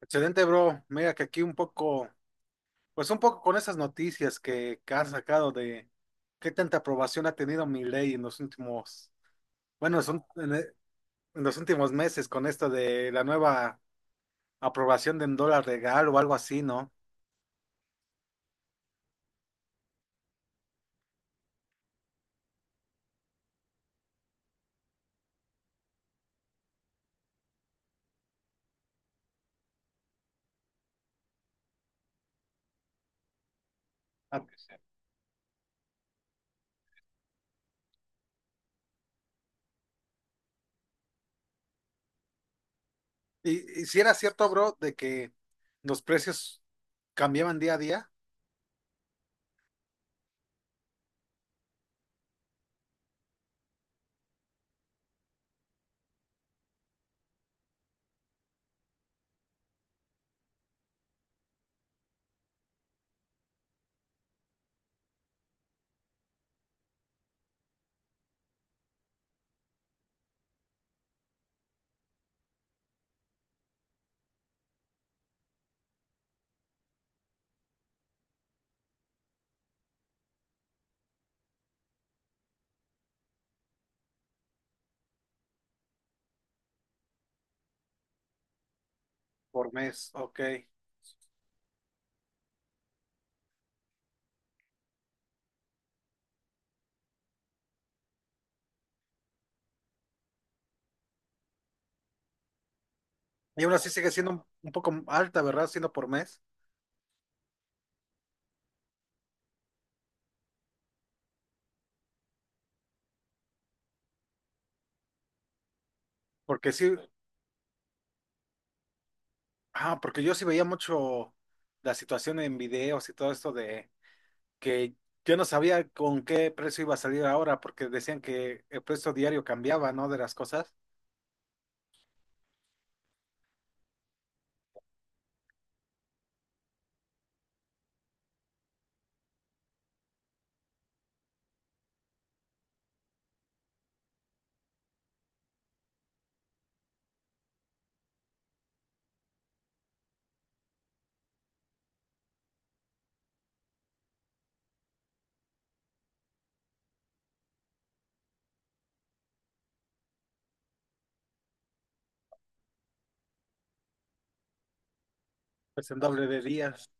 Excelente, bro. Mira que aquí un poco, pues un poco con esas noticias que han sacado de qué tanta aprobación ha tenido mi ley en los últimos, bueno, es un- en, e- en los últimos meses con esto de la nueva aprobación de un dólar regal o algo así, ¿no? Ah, Y si era cierto, bro, de que los precios cambiaban día a día por mes, ok. Y aún así sigue siendo un poco alta, ¿verdad? Siendo por mes, porque sí, Ah, porque yo sí veía mucho la situación en videos y todo esto de que yo no sabía con qué precio iba a salir ahora, porque decían que el precio diario cambiaba, ¿no? De las cosas, pues en doble de días.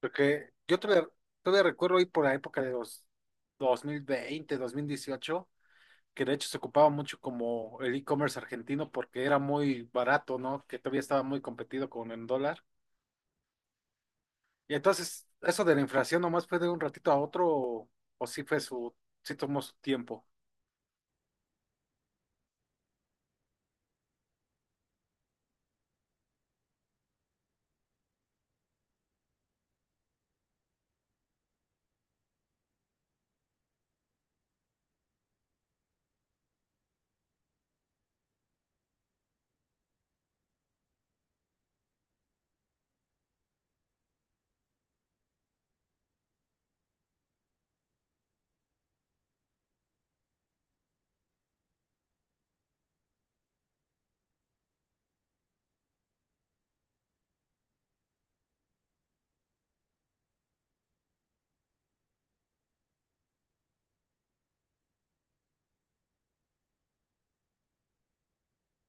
Porque yo todavía recuerdo ir por la época de los dos mil veinte, 2018, que de hecho se ocupaba mucho como el e-commerce argentino porque era muy barato, ¿no? Que todavía estaba muy competido con el dólar. Y entonces, ¿eso de la inflación nomás fue de un ratito a otro o sí tomó su tiempo?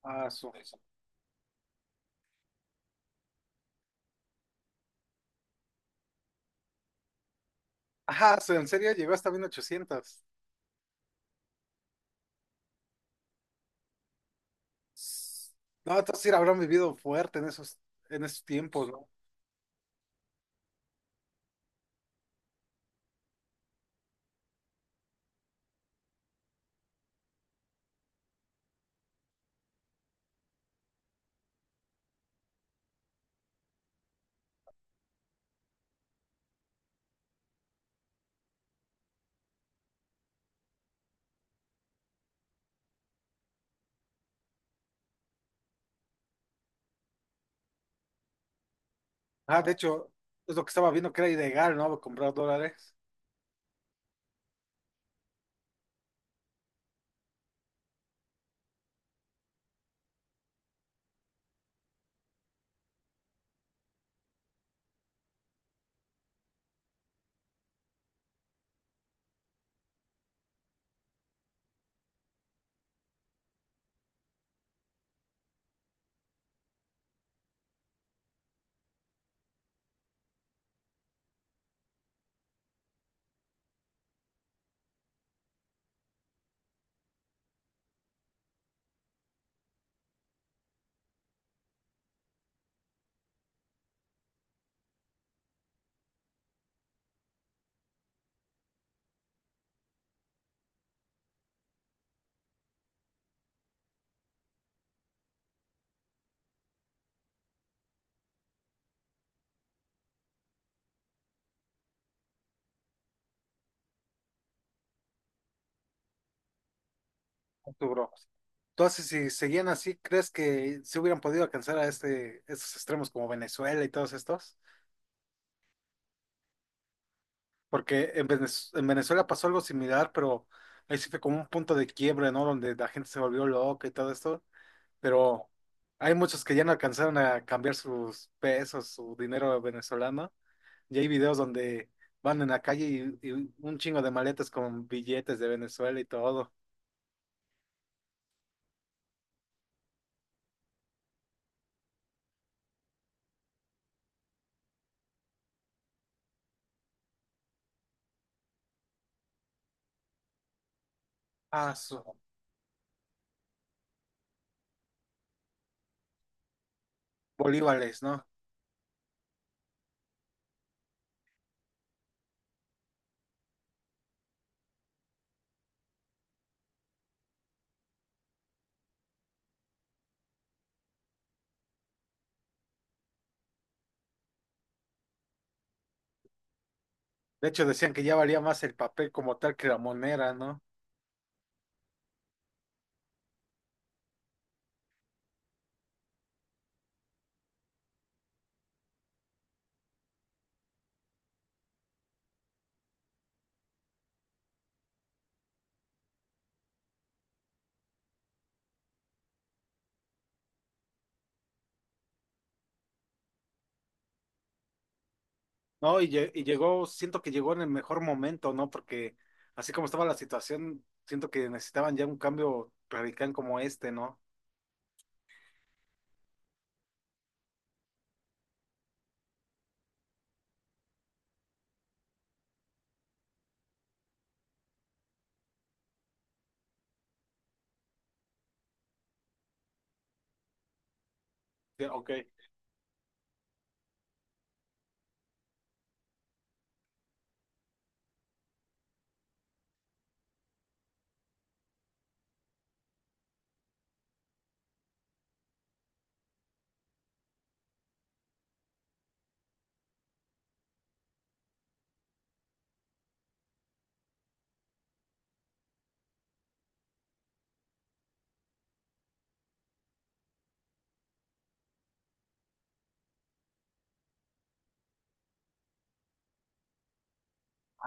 Ah, su. Ajá, en serio llegó hasta 1800. No, entonces sí la habrán vivido fuerte en esos tiempos, ¿no? Ah, de hecho, es lo que estaba viendo que era ilegal, ¿no? Comprar dólares. Sí, bro. Entonces, si seguían así, ¿crees que se hubieran podido alcanzar a este, esos extremos como Venezuela y todos estos? Porque en Venezuela pasó algo similar, pero ahí sí fue como un punto de quiebre, ¿no? Donde la gente se volvió loca y todo esto. Pero hay muchos que ya no alcanzaron a cambiar sus pesos, su dinero venezolano. Y hay videos donde van en la calle y un chingo de maletas con billetes de Venezuela y todo. Ah, su- bolívares, ¿no? De hecho decían que ya valía más el papel como tal que la moneda, ¿no? No, y llegó, siento que llegó en el mejor momento, ¿no? Porque así como estaba la situación, siento que necesitaban ya un cambio radical como este, ¿no? Sí, ok,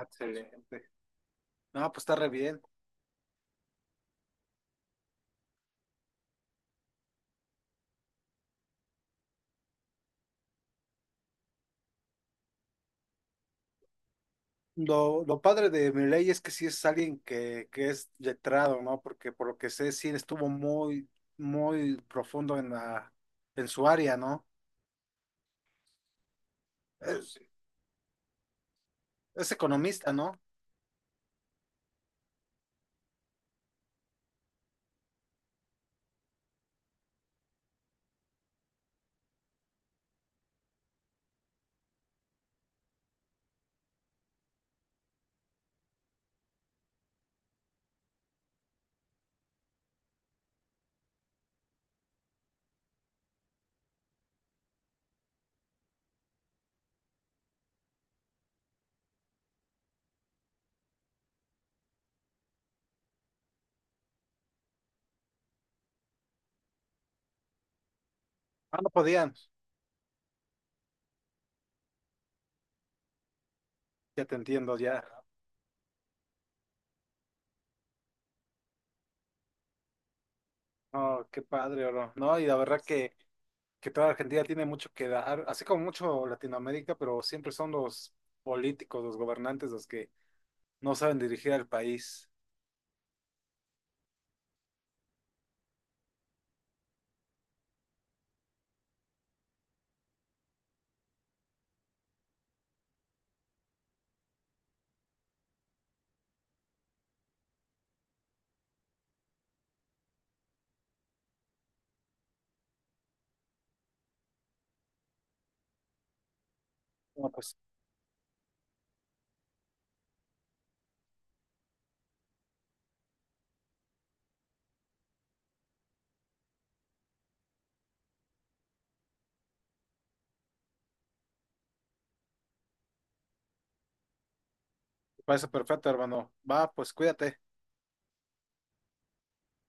excelente. No, pues está re bien. Lo padre de Milei es que sí es alguien que es letrado, ¿no? Porque por lo que sé, sí estuvo muy, muy profundo en en su área, ¿no? Sí. Es economista, ¿no? Ah, no podían. Ya te entiendo, ya. Oh, qué padre, oro. No, y la verdad que toda Argentina tiene mucho que dar, así como mucho Latinoamérica, pero siempre son los políticos, los gobernantes, los que no saben dirigir al país. Bueno, pues, me parece perfecto, hermano. Va, pues cuídate.